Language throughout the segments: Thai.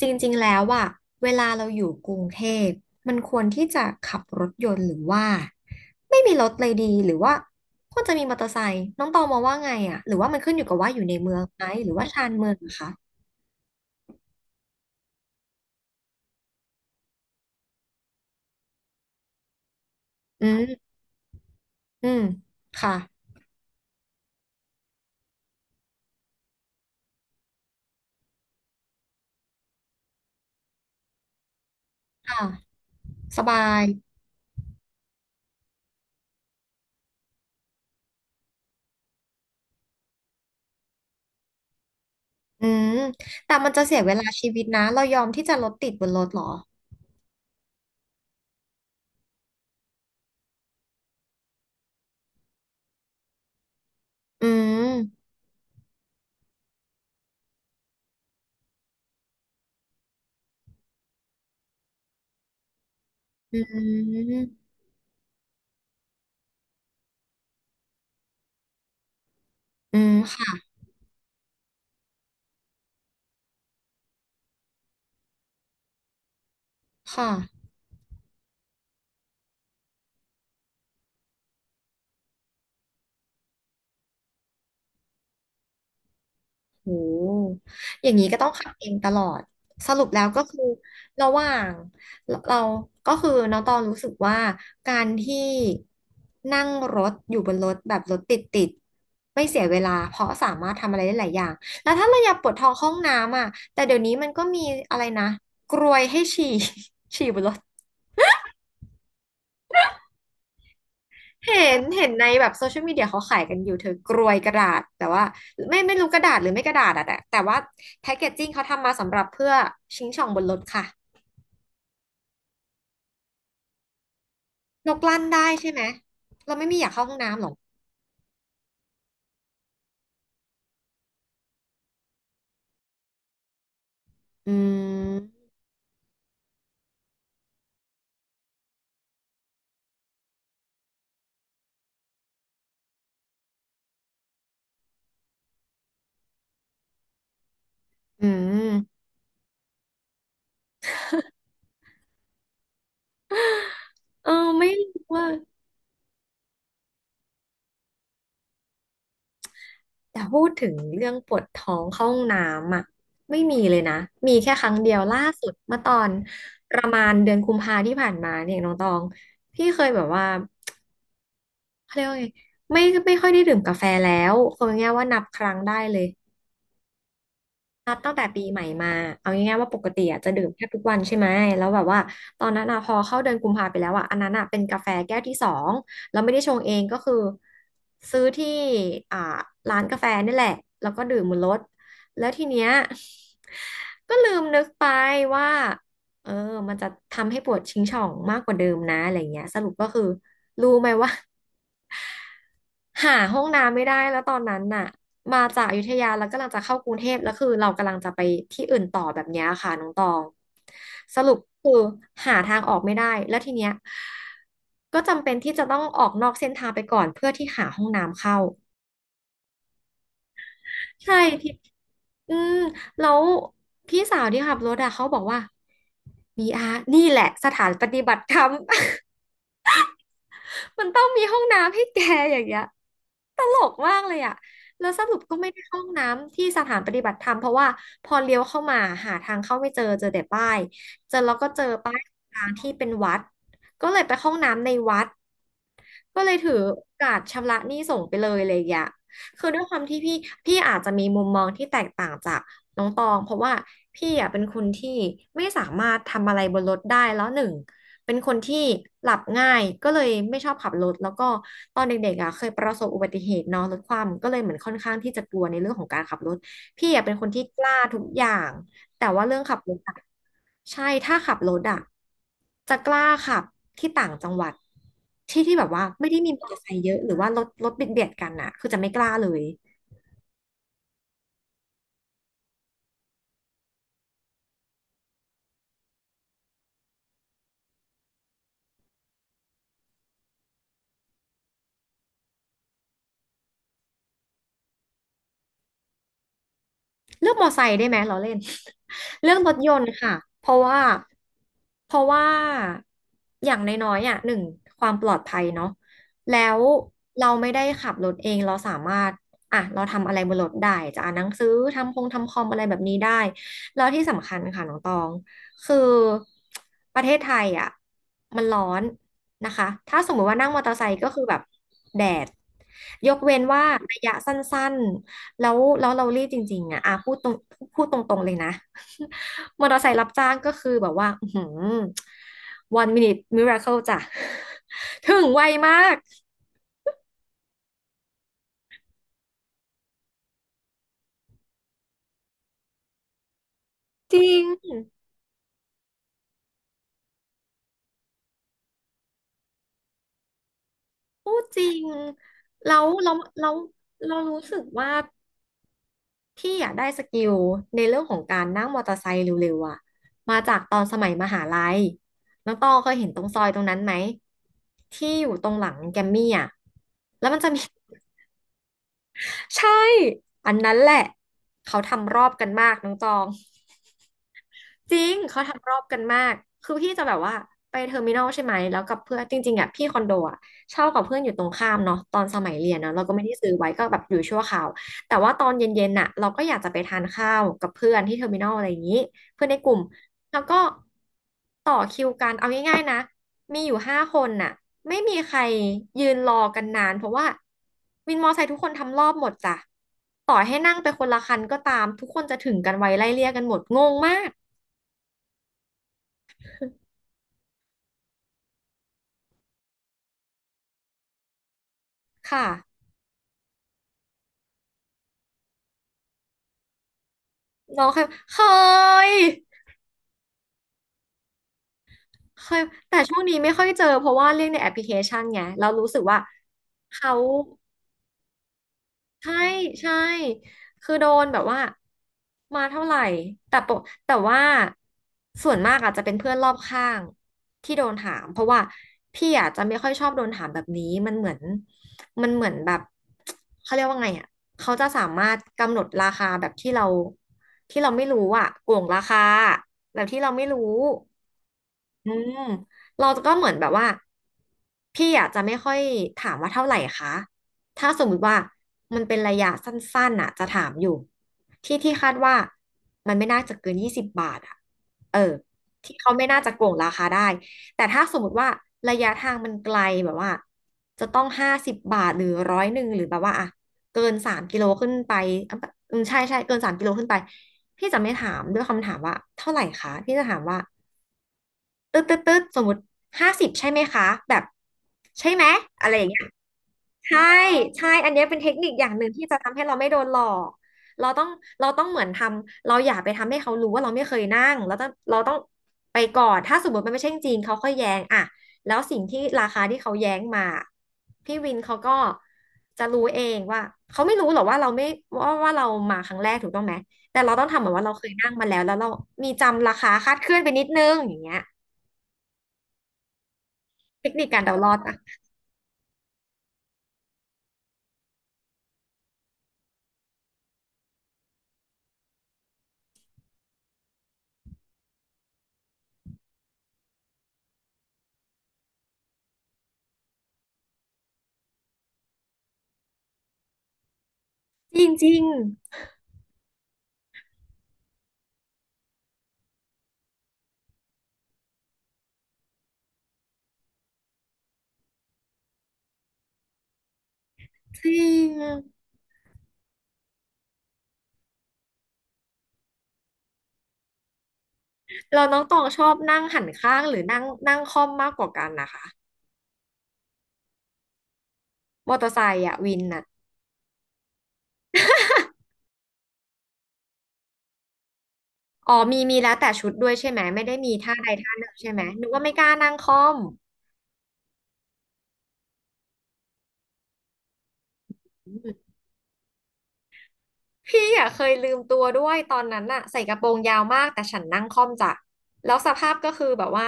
จริงๆ แล้วอะเวลาเราอยู่กรุงเทพมันควรที่จะขับรถยนต์หรือว่าไม่มีรถเลยดีหรือว่าควรจะมีมอเตอร์ไซค์น้องตองมองว่าไงอะหรือว่ามันขึ้นอยู่กับว่าอยู่ในเมืองไหมหรือว่าชานเมืองนะคะอืมอืมค่ะค่ะสบายอืมแต่มันจะเสียเวลาชีวิตนะเรายอมที่จะรถติดบนรถเหรออืมอืมอืมค่ะค่ะ โหอย่างนี้ก็ต้องขับเองตลอด สรุปแล้วก็คือระหว่าง เราก็คือน้องตองรู้สึกว่าการที่นั่งรถอยู่บนรถแบบรถติดไม่เสียเวลาเพราะสามารถทำอะไรได้หลายอย่าง แล้วถ้าเราอยากปวดท้องเข้าห้องน้ำอ่ะแต่เดี๋ยวนี้มันก็มีอะไรนะกรวยให้ฉี่ ฉี่บนรถ เห็นในแบบโซเชียลมีเดียเขาขายกันอยู่เธอกรวยกระดาษแต่ว่าไม่รู้กระดาษหรือไม่กระดาษอะแต่ว่าแพ็กเกจจิ้งเขาทำมาสำหรับเพื่อชิงช่องบนรถค่ะนกลั่นได้ใช่ไหมเราไม่มีอยากเข้าห้องน้ำหรอกอืมอืมเออไม่รู้ว่าแต่พูดถึงเรื่องปวดท้องเข้าห้องน้ำอ่ะไม่มีเลยนะมีแค่ครั้งเดียวล่าสุดเมื่อตอนประมาณเดือนกุมภาที่ผ่านมาเนี่ยน้องตองพี่เคยแบบว่า เขาเรียกว่าไงไม่ไม่ค่อยได้ดื่มกาแฟแล้วคือง่ายๆว่านับครั้งได้เลยนับตั้งแต่ปีใหม่มาเอาง่ายๆว่าปกติอะจะดื่มแทบทุกวันใช่ไหมแล้วแบบว่าตอนนั้นอะพอเข้าเดือนกุมภาไปแล้วอะอันนั้นอะเป็นกาแฟแก้วที่สองเราไม่ได้ชงเองก็คือซื้อที่อ่าร้านกาแฟนี่แหละแล้วก็ดื่มบนรถแล้วทีเนี้ยก็ลืมนึกไปว่าเออมันจะทำให้ปวดชิงช่องมากกว่าเดิมนะอะไรเงี้ยสรุปก็คือรู้ไหมว่า หาห้องน้ำไม่ได้แล้วตอนนั้นน่ะมาจากอยุธยาแล้วกำลังจะเข้ากรุงเทพแล้วคือเรากำลังจะไปที่อื่นต่อแบบเนี้ยค่ะน้องตองสรุปคือหาทางออกไม่ได้แล้วทีเนี้ยก็จำเป็นที่จะต้องออกนอกเส้นทางไปก่อนเพื่อที่หาห้องน้ำเข้าใช่ที่อืมแล้วพี่สาวที่ขับรถอะเขาบอกว่ามีอาร์นี่แหละสถานปฏิบัติธรรม มันต้องมีห้องน้ำให้แกอย่างเงี้ยตลกมากเลยอ่ะแล้วสรุปก็ไม่ได้เข้าห้องน้ำที่สถานปฏิบัติธรรมเพราะว่าพอเลี้ยวเข้ามาหาทางเข้าไม่เจอเจอแต่ป้ายเจอแล้วก็เจอป้ายทางที่เป็นวัดก็เลยไปเข้าห้องน้ำในวัดก็เลยถือโอกาสชำระหนี้ส่งไปเลยอะไรอย่างเงี้ยคือด้วยความที่พี่อาจจะมีมุมมองที่แตกต่างจาก น้องตองเพราะว่าพี่อ่ะเป็นคนที่ไม่สามารถทำอะไรบนรถได้แล้วหนึ่งเป็นคนที่หลับง่ายก็เลยไม่ชอบขับรถแล้วก็ตอนเด็กๆอ่ะเคยประสบอุบัติเหตุเนอะรถคว่ำก็เลยเหมือนค่อนข้างที่จะกลัวในเรื่องของการขับรถพี่อ่ะเป็นคนที่กล้าทุกอย่างแต่ว่าเรื่องขับรถอะใช่ถ้าขับรถอะจะกล้าขับที่ต่างจังหวัดที่ที่แบบว่าไม่ได้มีมอเตอร์ไซค์เยอะหรือว่ารถเบียดกันอะคือจะไม่กล้าเลย เลือกมอไซค์ได้ไหมล้อเล่น เลือกรถยนต์ค่ะเพราะว่าเพราะว่าอย่างน้อยๆอ่ะหนึ่งความปลอดภัยเนาะแล้วเราไม่ได้ขับรถเองเราสามารถอ่ะเราทำอะไรบนรถได้จะอ่านหนังสือทำคอมอะไรแบบนี้ได้แล้วที่สำคัญค่ะน้องตองคือประเทศไทยอ่ะมันร้อนนะคะถ้าสมมติว่านั่งมอเตอร์ไซค์ก็คือแบบแดดยกเว้นว่าระยะสั้น แล้วเรารีบจริงๆอ่ะพูดตรงๆเลยนะ มอเตอร์ไซค์รับจ้างก็คือแบบว่าอืม one minute miracle จ้ะ ถึงไวมากจริงพูดจริงแล้วเราเรารู้สึกว่าพี่อยากได้สกิลในเรื่องของการนั่งมอเตอร์ไซค์เร็วๆอ่ะมาจากตอนสมัยมหาลัยน้องตองเคยเห็นตรงซอยตรงนั้นไหมที่อยู่ตรงหลังแกมมี่อ่ะแล้วมันจะมี ใช่ อันนั้นแหละเขาทำรอบกันมากน้องตอง จริงเขาทำรอบกันมากคือพี่จะแบบว่าไปเทอร์มินอลใช่ไหมแล้วกับเพื่อนจริงๆอ่ะพี่คอนโดอ่ะเช่ากับเพื่อนอยู่ตรงข้ามเนาะตอนสมัยเรียนนะเราก็ไม่ได้ซื้อไว้ก็แบบอยู่ชั่วคราวแต่ว่าตอนเย็นๆน่ะเราก็อยากจะไปทานข้าวกับเพื่อนที่เทอร์มินอลอะไรอย่างนี้เพื่อนในกลุ่มแล้วก็ต่อคิวกันเอาง่ายๆนะมีอยู่5 คนน่ะไม่มีใครยืนรอกันนานเพราะว่าวินมอไซค์ทุกคนทำรอบหมดจ้ะต่อให้นั่งไปคนละคันก็ตามทุกคนจะถึงกันไวไล่เลี่ยกันหมดงงมาก ค่ะน้องเคยเคยเคยแต่ช่วงนี้ไม่ค่อยเจอเพราะว่าเรื่องในแอปพลิเคชันไงเรารู้สึกว่าเขา ใช่ใช่คือโดนแบบว่ามาเท่าไหร่แต่ปกแต่ว่าส่วนมากอาจจะเป็นเพื่อนรอบข้างที่โดนถามเพราะว่าพี่อาจจะไม่ค่อยชอบโดนถามแบบนี้มันเหมือนแบบเขาเรียกว่าไงอ่ะเขาจะสามารถกำหนดราคาแบบที่เราไม่รู้อ่ะโกงราคาแบบที่เราไม่รู้ อืมเราก็เหมือนแบบว่าพี่อาจจะไม่ค่อยถามว่าเท่าไหร่คะถ้าสมมุติว่ามันเป็นระยะสั้นๆน่ะจะถามอยู่ที่ที่คาดว่ามันไม่น่าจะเกิน20 บาทอ่ะเออที่เขาไม่น่าจะโกงราคาได้แต่ถ้าสมมติว่าระยะทางมันไกลแบบว่าจะต้อง50 บาทหรือ100หรือแบบว่าอ่ะเกินสามกิโลขึ้นไปอ่ะอืมใช่ใช่เกินสามกิโลขึ้นไปพี่จะไม่ถามด้วยคำถามว่าเท่าไหร่คะพี่จะถามว่า ตึ๊ดตึ๊ดตึ๊ดสมมติ50ใช่ไหมคะแบบใช่ไหมอะไรอย่างเงี้ยใช่ ใช่ อันเนี้ยเป็นเทคนิคอย่างหนึ่งที่จะทำให้เราไม่โดนหลอกเราต้องเราต้องเหมือนทำเราอย่าไปทำให้เขารู้ว่าเราไม่เคยนั่งเราต้องไปก่อนถ้าสมมติมันไม่ใช่จริงเขาค่อยแย้งอะแล้วสิ่งที่ราคาที่เขาแย้งมา พี่วินเขาก็จะรู้เองว่าเขาไม่รู้หรอกว่าเราไม่ว่าเรามาครั้งแรกถูกต้องไหมแต่เราต้องทำเหมือนว่าเราเคยนั่งมาแล้วแล้วเรามีจำราคาคลาดเคลื่อนไปนิดนึงอย่างเงี้ย เทคนิคการเดารอดอะจริงจริงจริงเราน้องตองชอบนั่งหันข้างหรือนั่งนั่งค่อมมากกว่ากันนะคะมอเตอร์ไซค์อะวินน่ะอ๋อมีแล้วแต่ชุดด้วยใช่ไหมไม่ได้มีท่าใดท่าหนึ่งใช่ไหมนึกว่าไม่กล้านั่งค่อมอืม พี่อ่ะเคยลืมตัวด้วยตอนนั้นน่ะใส่กระโปรงยาวมากแต่ฉันนั่งค่อมจ้ะแล้วสภาพก็คือแบบว่า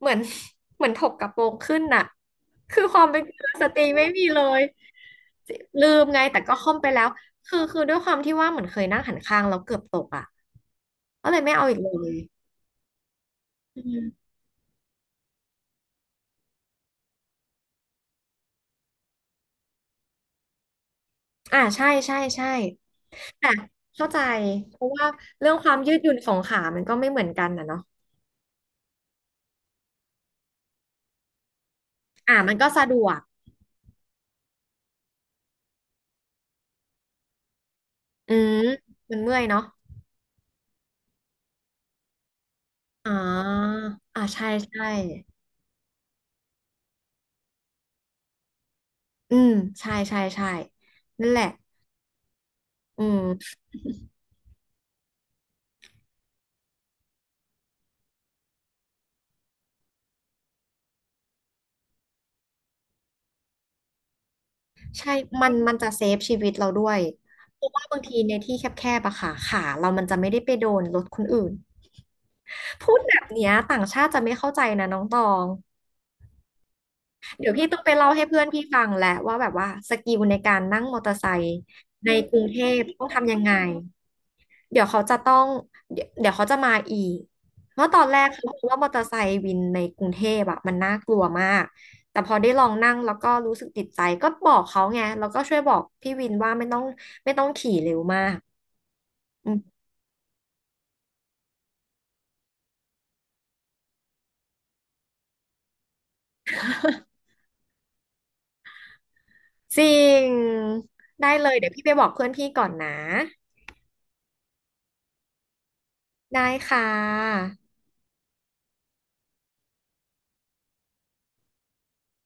เหมือน เหมือนถกกระโปรงขึ้นน่ะคือความเป็นกุลสตรีไม่มีเลยลืมไงแต่ก็ค่อมไปแล้วคือด้วยความที่ว่าเหมือนเคยนั่งหันข้างแล้วเกือบตกอ่ะก็เลยไม่เอาอีกเลยอืมอ่าใช่ใช่ใช่แต่เข้าใจเพราะว่าเรื่องความยืดหยุ่นของขามันก็ไม่เหมือนกันนะเนาะอ่ามันก็สะดวกอืมมันเมื่อยเนาะ อ๋ออ่าใช่ใช่ อืมใช่ใช่ใช่นั่นแหละอืมใช่มันจะเซฟชีวิตเราด้วย เพราะว่าบางทีในที่แคบๆอะค่ะขาเรามันจะไม่ได้ไปโดนรถคนอื่นพูดแบบเนี้ยต่างชาติจะไม่เข้าใจนะน้องตองเดี๋ยวพี่ต้องไปเล่าให้เพื่อนพี่ฟังแหละว่าแบบว่าสกิลในการนั่งมอเตอร์ไซค์ในกรุงเทพต้องทำยังไง เดี๋ยวเขาจะต้องเดี๋ยวเขาจะมาอีก เพราะตอนแรกเขาบอกว่ามอเตอร์ไซค์วินในกรุงเทพอะมันน่ากลัวมาก แต่พอได้ลองนั่งแล้วก็รู้สึกติดใจ ก็บอกเขาไงแล้วก็ช่วยบอกพี่วินว่าไม่ต้องขี่เร็วมากอืมจริงได้เลยเดี๋ยวพี่ไปบอกเพื่อนพี่ก่อนนะ ได้ค่ะ